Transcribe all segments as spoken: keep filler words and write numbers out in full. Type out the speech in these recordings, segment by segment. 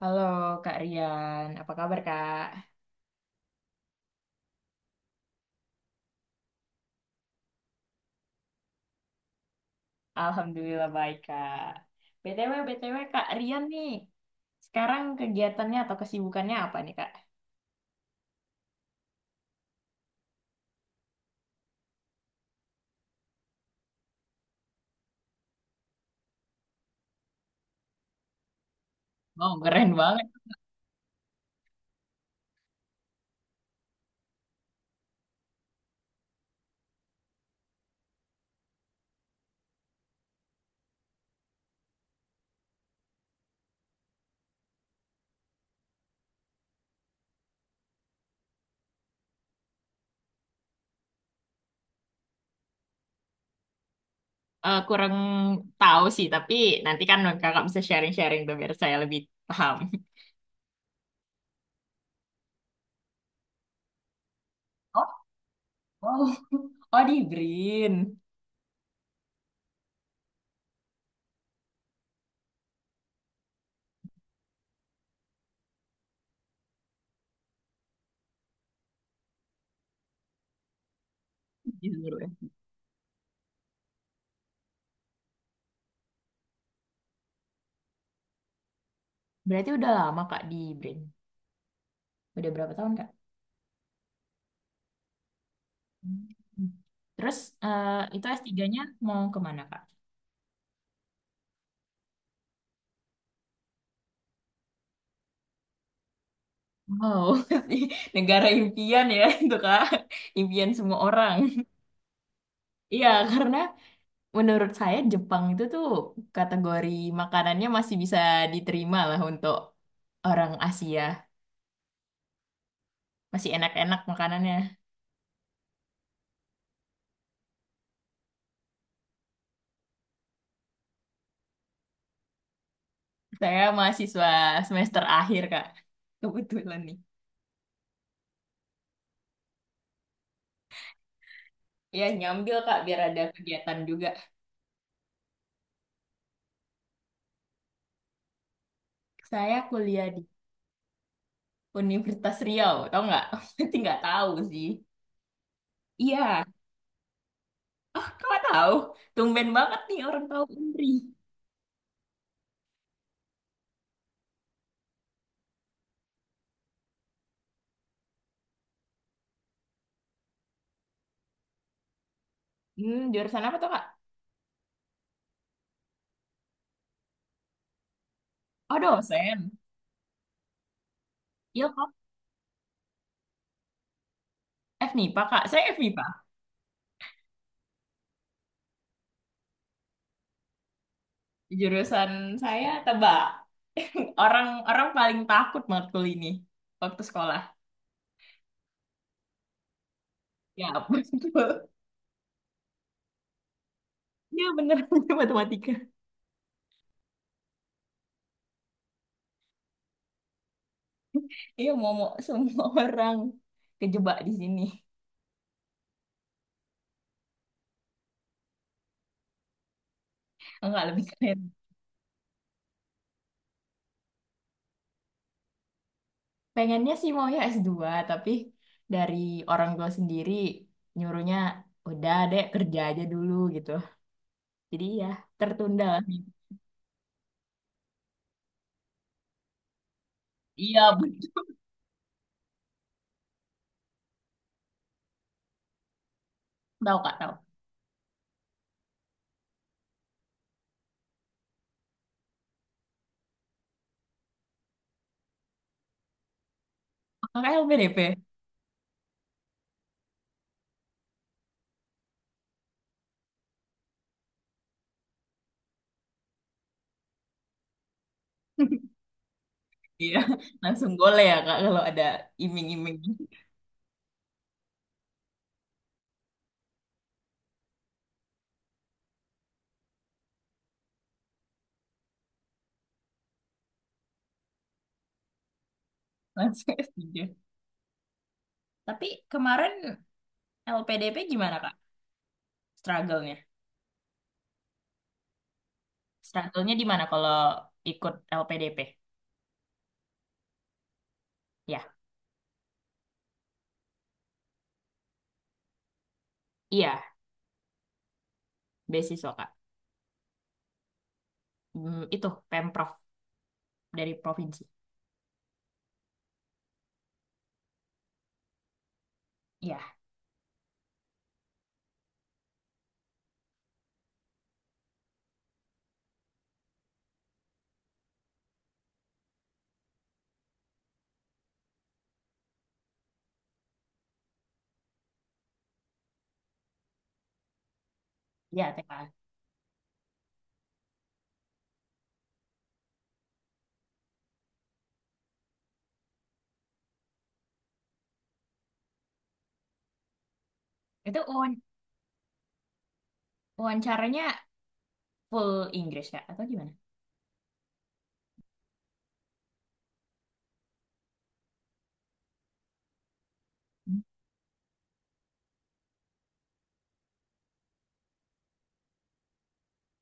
Halo Kak Rian, apa kabar Kak? Alhamdulillah baik Kak. B T W, B T W Kak Rian nih, sekarang kegiatannya atau kesibukannya apa nih Kak? Oh, keren banget. Eh, kurang tahu sih, tapi nanti kan kakak bisa sharing-sharing tuh biar saya lebih paham. Oh, wow. Oh, di BRIN. Di Semeru. Berarti udah lama Kak di BRIN. Udah berapa tahun Kak? Hmm. Terus eh, itu S tiganya mau kemana Kak? Wow, negara impian ya itu Kak. Impian semua orang. Iya, karena menurut saya Jepang itu tuh kategori makanannya masih bisa diterima lah untuk orang Asia. Masih enak-enak makanannya. Saya mahasiswa semester akhir, Kak. Kebetulan nih. Iya, nyambil Kak biar ada kegiatan juga. Saya kuliah di Universitas Riau, tau nggak? Berarti nggak tahu sih. Iya, Kakak tahu. Tumben banget nih orang tahu Undri. Hmm, jurusan apa tuh, Kak? Oh, dosen. Iya, Kak. F MIPA, Kak. Saya F MIPA. Jurusan saya tebak. Orang orang paling takut matkul ini waktu sekolah. Ya, betul. Iya, bener. Matematika. Iya, mau, mau semua orang kejebak di sini. Enggak lebih keren. Pengennya sih mau ya s dua tapi dari orang tua sendiri nyuruhnya udah deh kerja aja dulu gitu. Jadi ya tertunda lah. Iya, bener. Tahu, Kak, tahu. Kakak L P D P. Iya, langsung boleh ya Kak kalau ada iming-iming. Langsung S tiga. Tapi kemarin L P D P gimana Kak? Struggle-nya? Struggle-nya di mana kalau ikut L P D P? Ya, iya, beasiswa Kak. Hmm, itu Pemprov dari provinsi. Iya, iya T K A. Itu wawan- wawancaranya full Inggris Kak atau gimana? Hmm.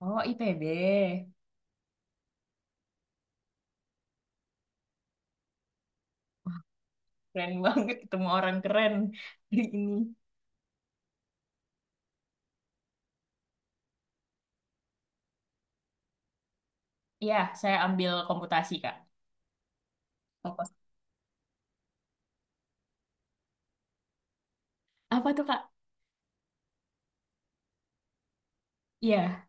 Oh, I P B. Wah, keren banget ketemu orang keren hari ini. Iya, saya ambil komputasi Kak. Apa tuh, Kak? Iya.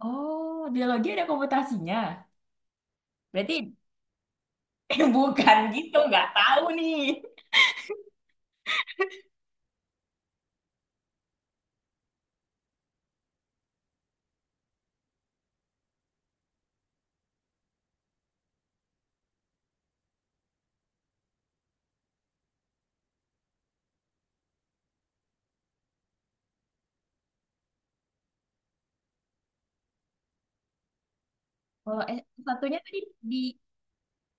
Oh, biologi ada komputasinya. Berarti eh, bukan gitu, nggak tahu nih. Kalau eh, satunya tadi di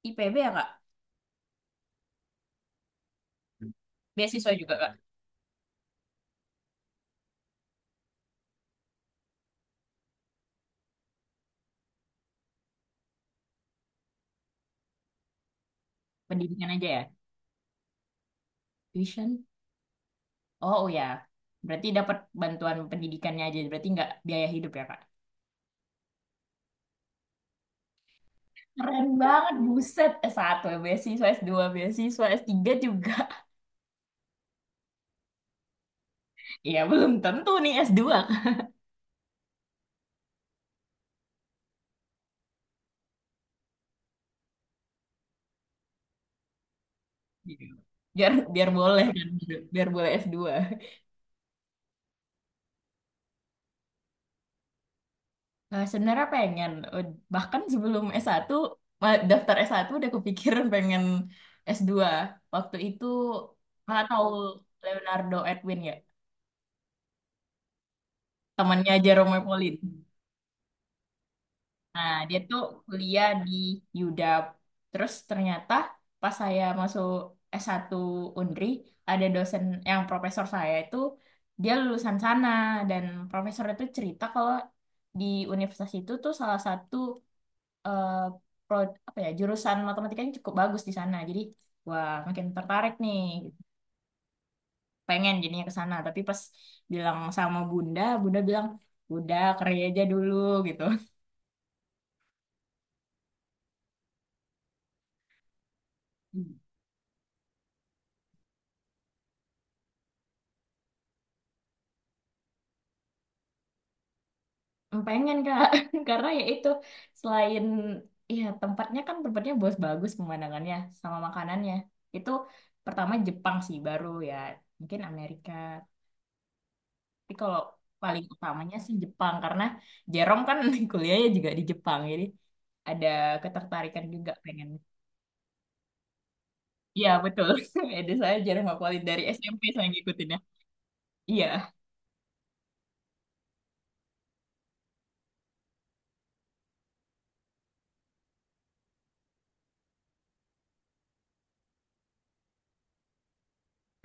I P B ya, Kak? Beasiswa juga, Kak? Pendidikan aja ya? Tuition? Oh, oh ya. Berarti dapat bantuan pendidikannya aja. Berarti nggak biaya hidup ya, Kak? Keren banget, buset. S satu beasiswa, s dua beasiswa, s tiga juga. Ya, belum tentu nih s dua Kak. Gitu. Biar, biar boleh kan, biar boleh s dua. Eh, sebenarnya pengen. Ud- bahkan sebelum S satu ma- daftar S satu udah kepikiran pengen S dua waktu itu malah tahu Leonardo Edwin ya temannya Jerome Pauline. Nah dia tuh kuliah di U D A P, terus ternyata pas saya masuk S satu Undri ada dosen yang profesor saya itu dia lulusan sana. Dan profesor itu cerita kalau di universitas itu tuh salah satu eh, pro- apa ya jurusan matematikanya cukup bagus di sana, jadi wah makin tertarik nih pengen jadinya ke sana. Tapi pas bilang sama bunda, bunda bilang udah kerja aja dulu gitu. Hmm, pengen kak. Karena ya itu, selain ya tempatnya kan tempatnya bagus-bagus pemandangannya sama makanannya itu, pertama Jepang sih baru ya, mungkin Amerika. Tapi kalau paling utamanya sih Jepang karena Jerome kan kuliahnya juga di Jepang, jadi ada ketertarikan juga pengen. Iya betul. Ada saya Jerome Akualit dari S M P saya ngikutin ya. Iya,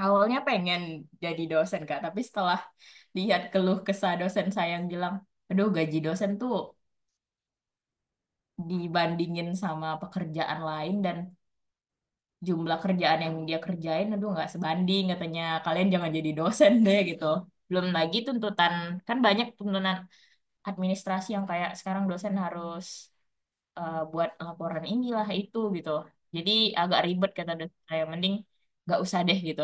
awalnya pengen jadi dosen Kak, tapi setelah lihat keluh kesah dosen saya yang bilang, aduh gaji dosen tuh dibandingin sama pekerjaan lain dan jumlah kerjaan yang dia kerjain, aduh nggak sebanding katanya, kalian jangan jadi dosen deh gitu. Belum lagi tuntutan, kan banyak tuntutan administrasi yang kayak sekarang dosen harus eh, buat laporan inilah itu gitu. Jadi agak ribet kata dosen saya, mending nggak usah deh gitu.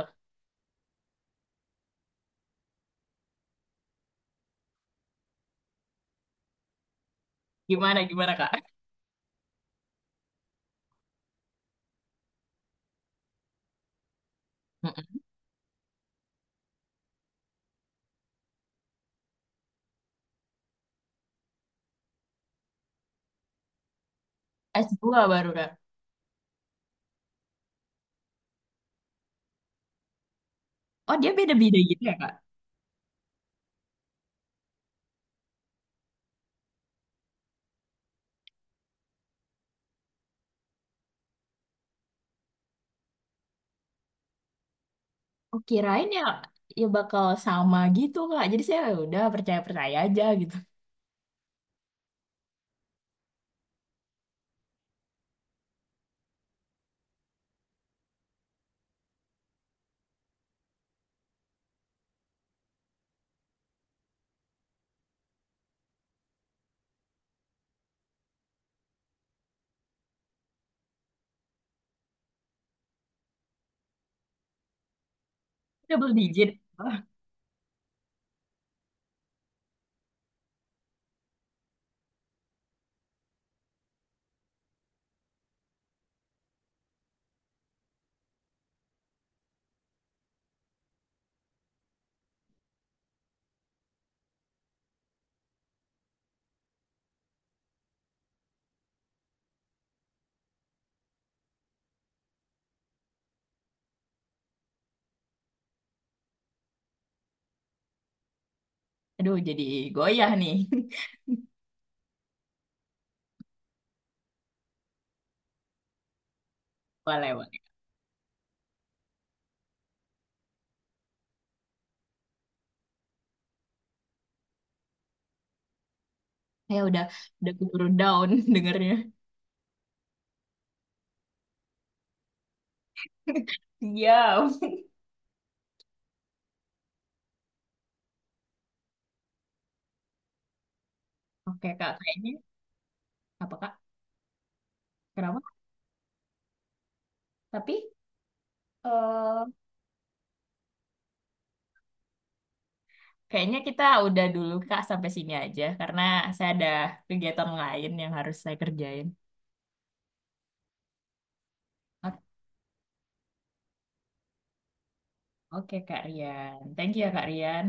Gimana gimana Kak? Mm-mm. S dua baru Kak. Oh dia beda-beda gitu ya Kak? Oh kirain ya ya bakal sama gitu Kak. Jadi saya, "Ya udah percaya-percaya aja gitu." Double digit. Wah, aduh jadi goyah nih. Boleh, boleh. Saya udah udah keburu down dengernya. Siap. Oke Kak, kayaknya apa Kak? Kenapa? Tapi Eh, kayaknya kita udah dulu Kak sampai sini aja karena saya ada kegiatan lain yang harus saya kerjain. O- Oke Kak Rian. Thank you ya Kak Rian.